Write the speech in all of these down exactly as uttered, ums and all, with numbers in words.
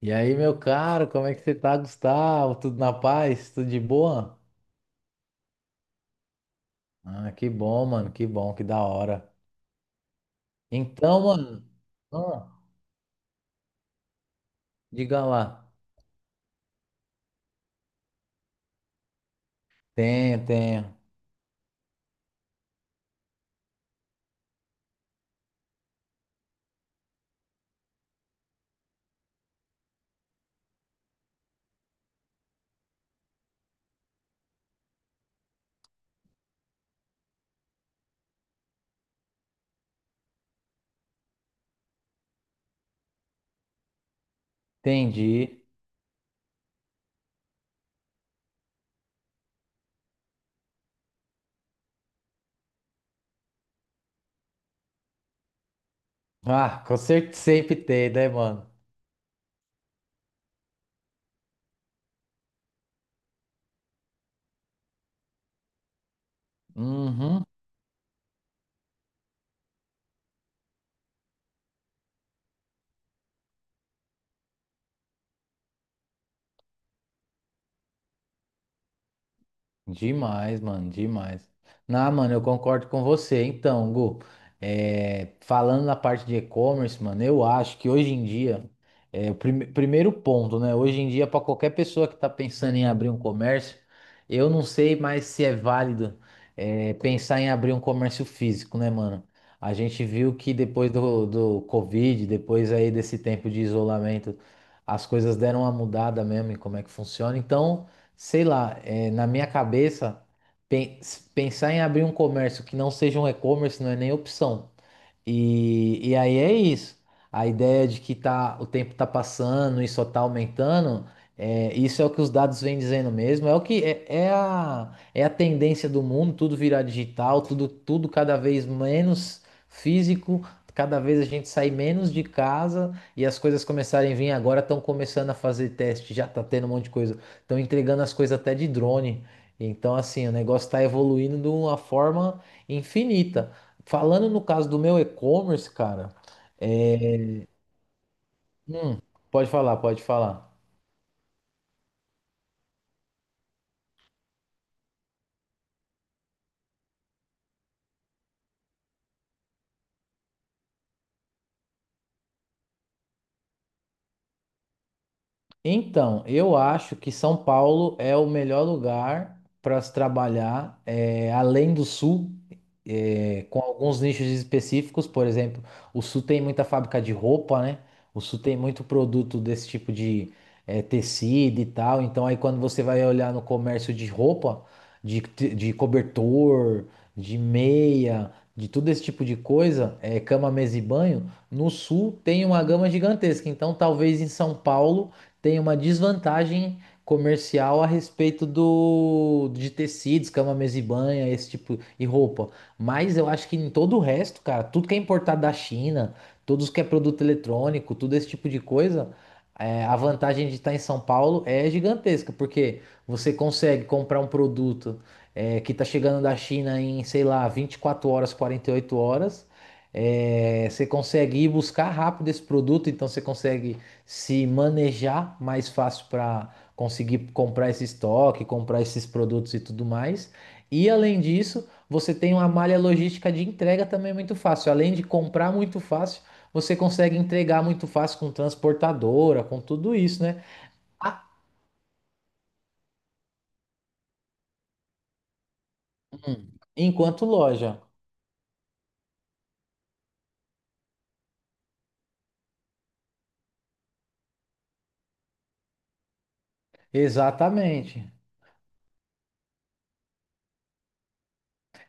E aí, meu caro, como é que você tá, Gustavo? Tudo na paz? Tudo de boa? Ah, que bom, mano, que bom, que da hora. Então, mano, ah, diga lá. Tenho, tenho. Entendi. Ah, com certeza sempre tem, né, mano? Uhum. Demais, mano, demais. Não, mano, eu concordo com você. Então, Gu, é, falando na parte de e-commerce, mano, eu acho que hoje em dia, é, o prime- primeiro ponto, né? Hoje em dia, para qualquer pessoa que tá pensando em abrir um comércio, eu não sei mais se é válido, é, pensar em abrir um comércio físico, né, mano? A gente viu que depois do, do Covid, depois aí desse tempo de isolamento, as coisas deram uma mudada mesmo em como é que funciona. Então sei lá, é, na minha cabeça, pen- pensar em abrir um comércio que não seja um e-commerce não é nem opção. E, e aí é isso. A ideia de que tá, o tempo tá passando e só tá aumentando, é, isso é o que os dados vêm dizendo mesmo. É o que é, é a, é a tendência do mundo, tudo virar digital, tudo, tudo cada vez menos físico, cada vez a gente sai menos de casa e as coisas começarem a vir agora, estão começando a fazer teste, já tá tendo um monte de coisa, estão entregando as coisas até de drone. Então, assim, o negócio está evoluindo de uma forma infinita. Falando no caso do meu e-commerce, cara, é, pode falar, pode falar. Então, eu acho que São Paulo é o melhor lugar para se trabalhar, eh, além do Sul, eh, com alguns nichos específicos. Por exemplo, o Sul tem muita fábrica de roupa, né? O Sul tem muito produto desse tipo de, eh, tecido e tal. Então, aí quando você vai olhar no comércio de roupa, de, te- de cobertor, de meia, de tudo esse tipo de coisa, eh, cama, mesa e banho, no Sul tem uma gama gigantesca. Então, talvez em São Paulo tem uma desvantagem comercial a respeito do de tecidos, cama, mesa e banha, esse tipo e roupa. Mas eu acho que em todo o resto, cara, tudo que é importado da China, tudo que é produto eletrônico, tudo esse tipo de coisa, é, a vantagem de estar em São Paulo é gigantesca, porque você consegue comprar um produto é, que está chegando da China em, sei lá, vinte e quatro horas, quarenta e oito horas. É, você consegue ir buscar rápido esse produto, então você consegue se manejar mais fácil para conseguir comprar esse estoque, comprar esses produtos e tudo mais. E além disso, você tem uma malha logística de entrega também muito fácil. Além de comprar muito fácil, você consegue entregar muito fácil com transportadora, com tudo isso, né? Ah, hum, enquanto loja. Exatamente.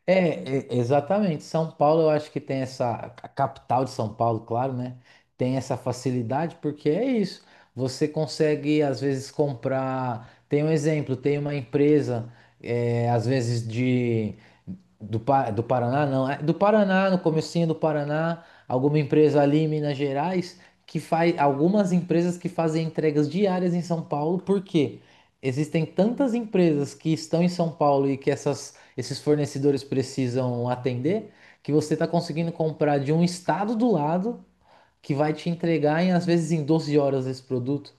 É, é, exatamente. São Paulo, eu acho que tem essa. A capital de São Paulo, claro, né? Tem essa facilidade, porque é isso. Você consegue, às vezes, comprar. Tem um exemplo, tem uma empresa, é, às vezes, de. Do, Pa- do Paraná, não. É do Paraná, no comecinho do Paraná, alguma empresa ali em Minas Gerais que faz. Algumas empresas que fazem entregas diárias em São Paulo, por quê? Existem tantas empresas que estão em São Paulo e que essas esses fornecedores precisam atender, que você está conseguindo comprar de um estado do lado que vai te entregar em, às vezes em doze horas esse produto.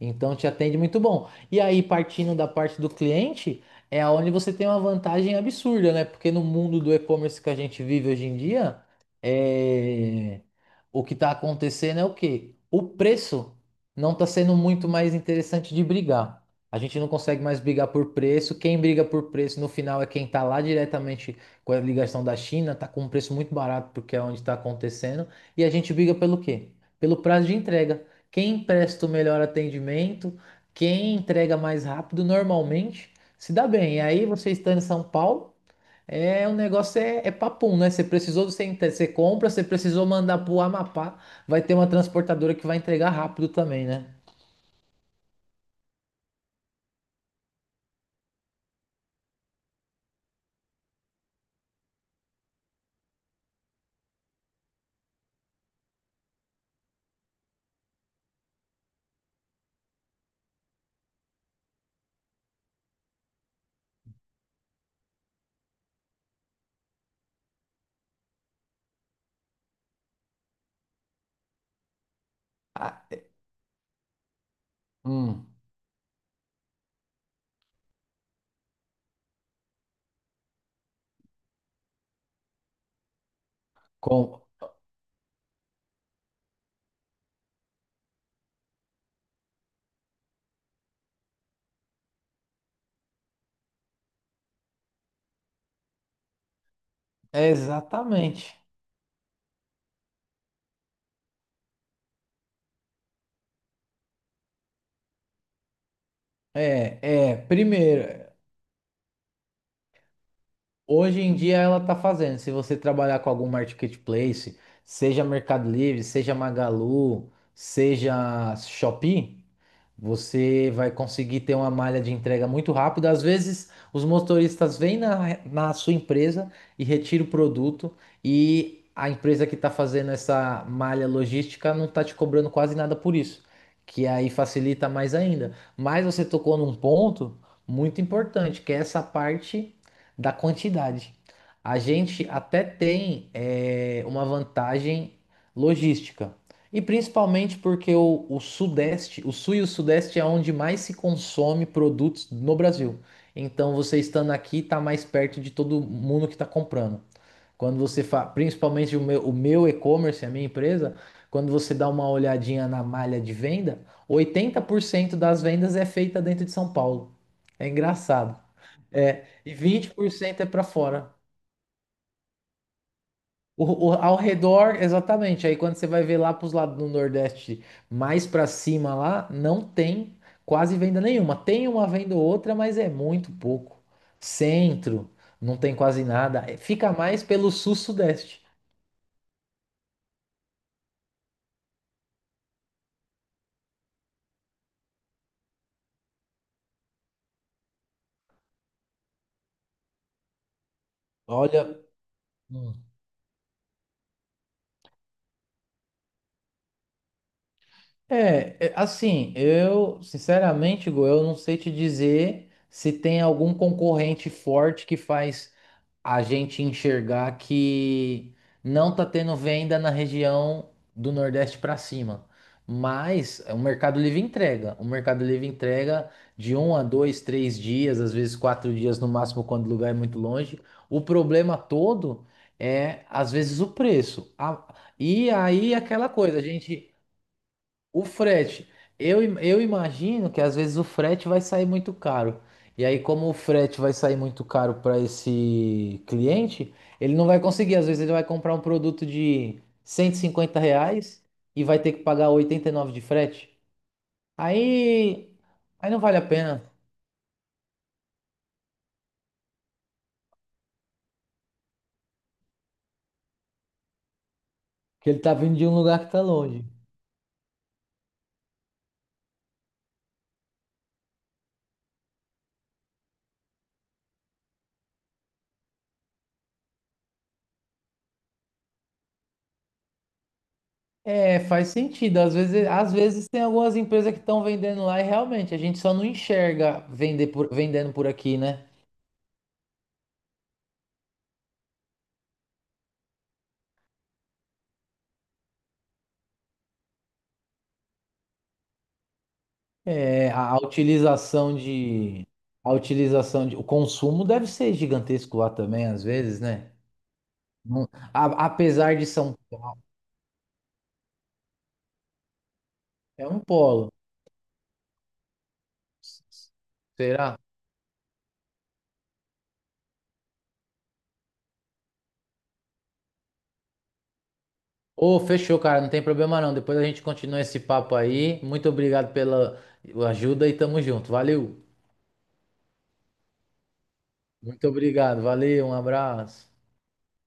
Então te atende muito bom. E aí, partindo da parte do cliente, é onde você tem uma vantagem absurda, né? Porque no mundo do e-commerce que a gente vive hoje em dia, é, o que está acontecendo é o quê? O preço não está sendo muito mais interessante de brigar. A gente não consegue mais brigar por preço. Quem briga por preço no final é quem está lá diretamente com a ligação da China, está com um preço muito barato porque é onde está acontecendo. E a gente briga pelo quê? Pelo prazo de entrega. Quem presta o melhor atendimento, quem entrega mais rápido, normalmente se dá bem. E aí você estando em São Paulo, é o negócio é, é papum, né? Você precisou do centro, você compra, você precisou mandar pro Amapá, vai ter uma transportadora que vai entregar rápido também, né? Ah, hum, com... Exatamente. É, é, primeiro. Hoje em dia ela está fazendo. Se você trabalhar com algum marketplace, seja Mercado Livre, seja Magalu, seja Shopee, você vai conseguir ter uma malha de entrega muito rápida. Às vezes, os motoristas vêm na, na sua empresa e retiram o produto e a empresa que está fazendo essa malha logística não está te cobrando quase nada por isso, que aí facilita mais ainda. Mas você tocou num ponto muito importante, que é essa parte da quantidade. A gente até tem eh, uma vantagem logística. E principalmente porque o, o Sudeste, o Sul e o Sudeste é onde mais se consome produtos no Brasil. Então você estando aqui está mais perto de todo mundo que está comprando. Quando você faz, principalmente o meu, o meu e-commerce, a minha empresa, quando você dá uma olhadinha na malha de venda, oitenta por cento das vendas é feita dentro de São Paulo. É engraçado. É, e vinte por cento é para fora. O, o- ao redor, exatamente. Aí quando você vai ver lá para os lados do Nordeste, mais para cima lá, não tem quase venda nenhuma. Tem uma venda ou outra, mas é muito pouco. Centro, não tem quase nada. É, fica mais pelo sul-sudeste. Olha, hum. é, é, assim, eu, sinceramente, Gu, eu não sei te dizer se tem algum concorrente forte que faz a gente enxergar que não tá tendo venda na região do Nordeste para cima. Mas o Mercado Livre entrega. O Mercado Livre entrega de um a dois, três dias, às vezes quatro dias no máximo, quando o lugar é muito longe. O problema todo é, às vezes, o preço. A- E aí, aquela coisa, a gente. O frete, eu, im- eu imagino que às vezes o frete vai sair muito caro. E aí, como o frete vai sair muito caro para esse cliente, ele não vai conseguir. Às vezes, ele vai comprar um produto de cento e cinquenta reais e vai ter que pagar oitenta e nove de frete. Aí, aí não vale a pena, porque ele tá vindo de um lugar que tá longe. É, faz sentido. Às vezes, às vezes tem algumas empresas que estão vendendo lá e realmente a gente só não enxerga vender por, vendendo por aqui, né? É, a a utilização de, a utilização de, o consumo deve ser gigantesco lá também, às vezes, né? Não- a- apesar de São Paulo, é um polo. Será? Ô, fechou, cara, não tem problema não. Depois a gente continua esse papo aí. Muito obrigado pela ajuda e tamo junto. Valeu. Muito obrigado, valeu, um abraço.